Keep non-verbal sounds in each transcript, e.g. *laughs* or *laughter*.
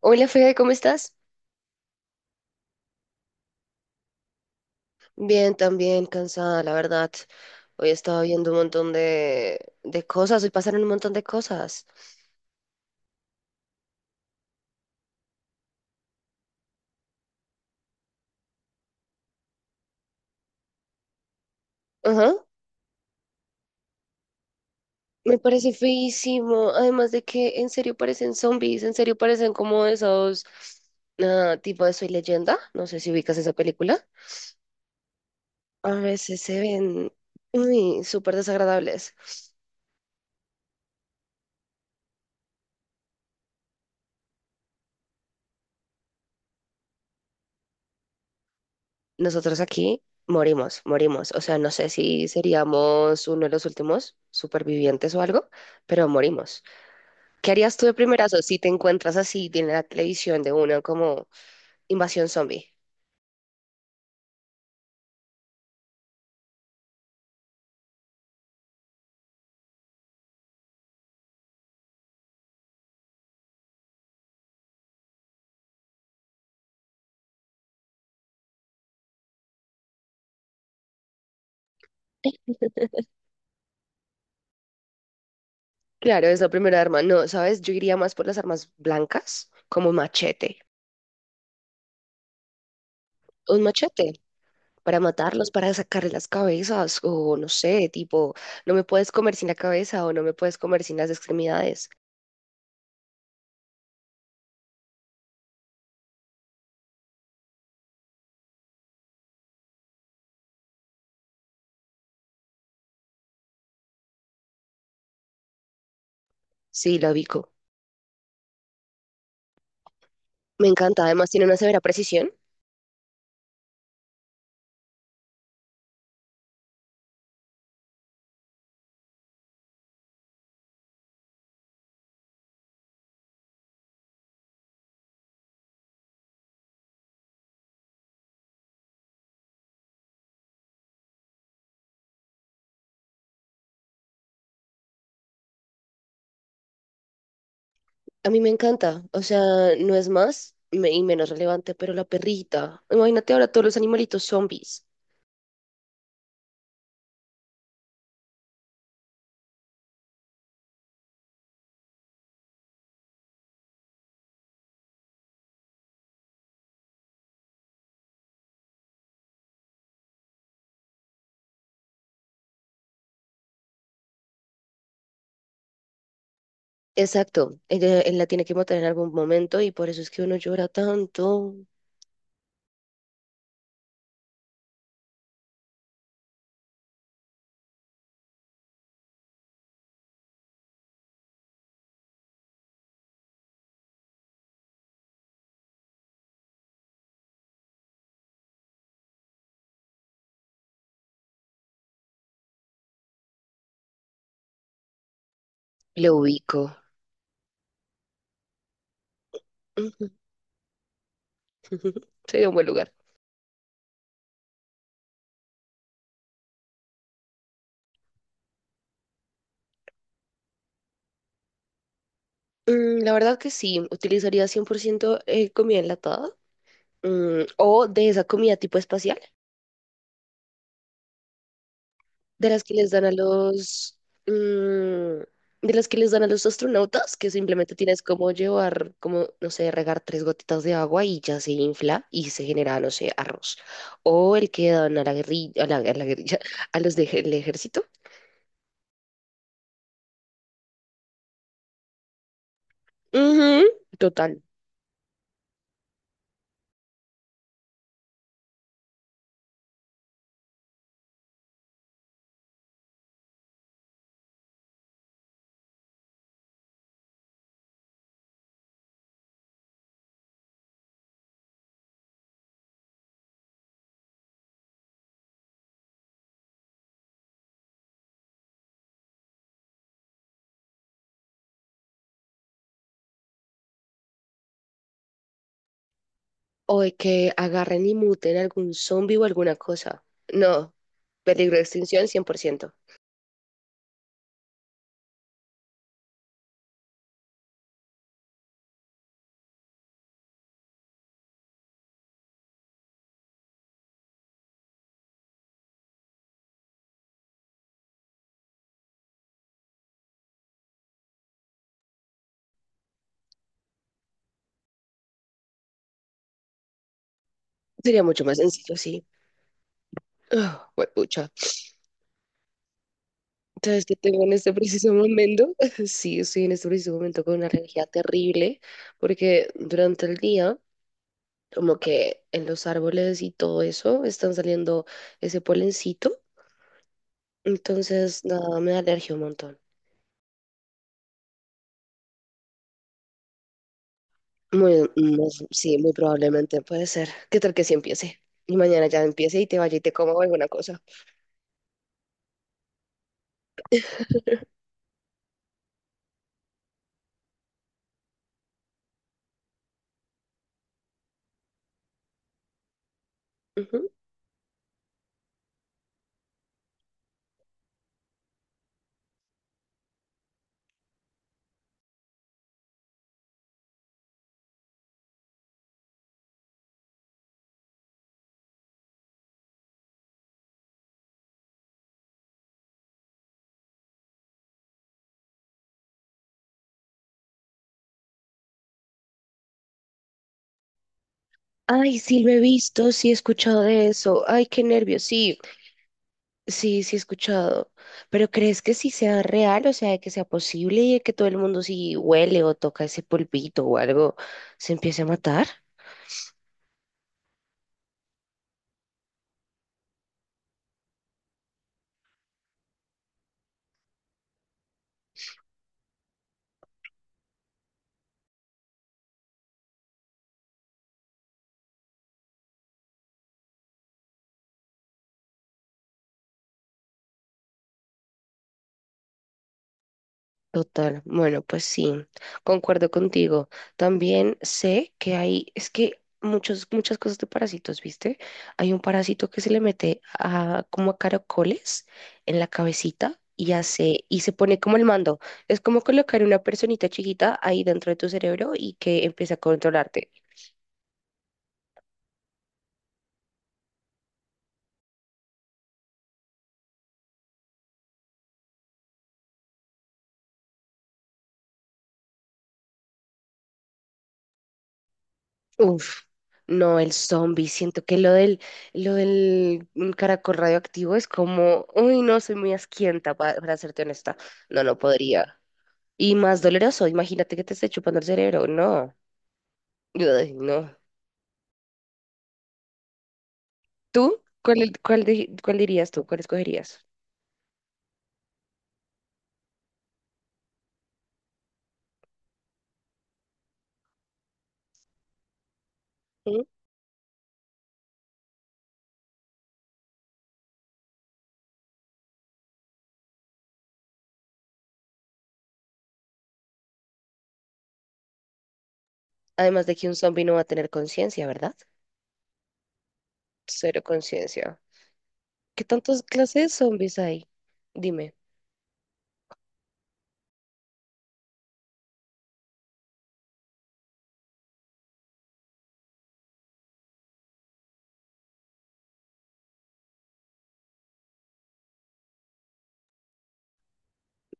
Hola Fede, ¿cómo estás? Bien, también cansada, la verdad. Hoy he estado viendo un montón de cosas. Hoy pasaron un montón de cosas. Ajá, me parece feísimo. Además de que en serio parecen zombies, en serio parecen como esos tipo de Soy Leyenda. No sé si ubicas esa película. A veces se ven súper desagradables. Nosotros aquí morimos, morimos. O sea, no sé si seríamos uno de los últimos supervivientes o algo, pero morimos. ¿Qué harías tú de primerazo si te encuentras así en la televisión de una como invasión zombie? Claro, es la primera arma. No, ¿sabes? Yo iría más por las armas blancas, como un machete. Un machete para matarlos, para sacarle las cabezas, o no sé, tipo, no me puedes comer sin la cabeza o no me puedes comer sin las extremidades. Sí, la ubico. Me encanta, además tiene una severa precisión. A mí me encanta, o sea, no es más y menos relevante, pero la perrita. Imagínate ahora todos los animalitos zombies. Exacto, ella, él la tiene que matar en algún momento y por eso es que uno llora tanto. Le ubico. Ujú. *laughs* Sería un buen lugar. Mm, la verdad que sí, utilizaría 100% comida enlatada, mm, o de esa comida tipo espacial, de las que les dan a los, mm, de las que les dan a los astronautas, que simplemente tienes como llevar, como, no sé, regar 3 gotitas de agua y ya se infla y se genera, no sé, arroz. O el que dan a la guerrilla, a la guerrilla, *laughs* a los del ejército. Ujú. Total. O de que agarren y muten algún zombie o alguna cosa. No, peligro de extinción 100%. Sería mucho más sencillo, sí. Ah, huepucha. ¿Sabes qué tengo en este preciso momento? *laughs* Sí, estoy en este preciso momento con una alergia terrible porque durante el día, como que en los árboles y todo eso, están saliendo ese polencito. Entonces, nada, me da alergia un montón. Muy, sí, muy probablemente puede ser. ¿Qué tal que sí empiece? Y mañana ya empiece y te vaya y te coma alguna cosa. Ujú. Ay, sí, lo he visto, sí he escuchado de eso. Ay, qué nervios, sí, sí he escuchado. Pero ¿crees que sí sea real? O sea, ¿que sea posible y que todo el mundo si huele o toca ese polvito o algo, se empiece a matar? Total, bueno, pues sí, concuerdo contigo. También sé que hay, es que muchas cosas de parásitos, ¿viste? Hay un parásito que se le mete a, como a caracoles en la cabecita y hace, y se pone como el mando. Es como colocar una personita chiquita ahí dentro de tu cerebro y que empieza a controlarte. Uf, no, el zombie. Siento que lo del mm, caracol radioactivo es como, uy, no, soy muy asquienta, para serte honesta. No, no podría. Y más doloroso, imagínate que te esté chupando el cerebro. No, ay, no. ¿Tú? ¿Cuál, cuál, cuál dirías tú? ¿Cuál escogerías? ¿Mm? Además de que un zombie no va a tener conciencia, ¿verdad? Cero conciencia. ¿Qué tantas clases de zombies hay? Dime,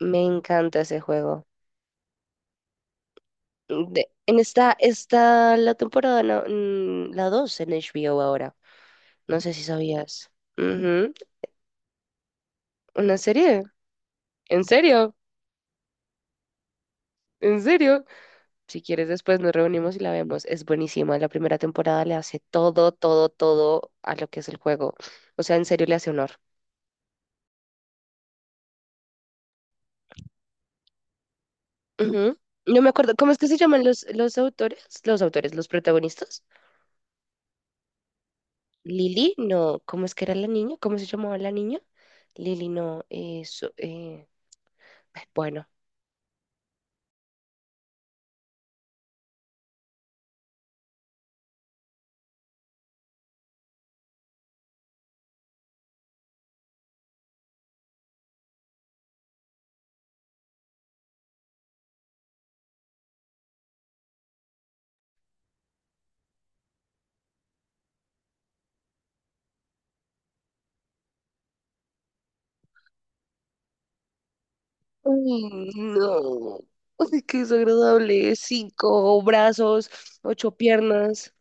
me encanta ese juego. En la temporada, no, mm, la 2 en HBO ahora. No sé si sabías. Ujú. Una serie. ¿En serio? ¿En serio? Si quieres, después nos reunimos y la vemos. Es buenísima. La primera temporada le hace todo, todo, todo a lo que es el juego. O sea, en serio le hace honor. Ujú. No me acuerdo. ¿Cómo es que se llaman los autores? Los autores, los protagonistas. Lili, no. ¿Cómo es que era la niña? ¿Cómo se llamaba la niña? Lili, no. Eso, bueno. Uy, no, ay, qué desagradable. Cinco brazos, ocho piernas,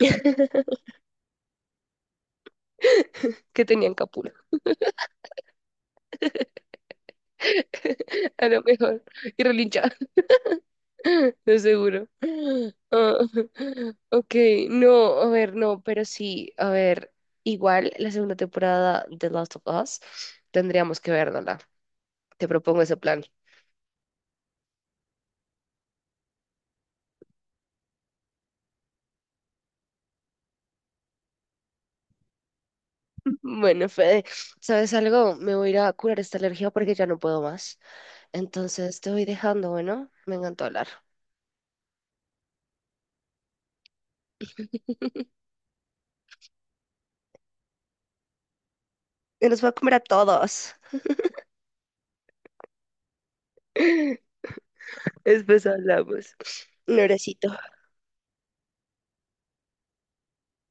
*laughs* que tenían Capula. *laughs* A lo mejor. Y relincha, *laughs* de seguro. Ah, ok, no, a ver, no, pero sí, a ver, igual la segunda temporada de Last of Us tendríamos que verla. Te propongo ese plan. Bueno, Fede, ¿sabes algo? Me voy a ir a curar esta alergia porque ya no puedo más. Entonces te voy dejando, bueno, me encantó hablar. Y nos va a comer a todos. *laughs* Después hablamos. Un abracito.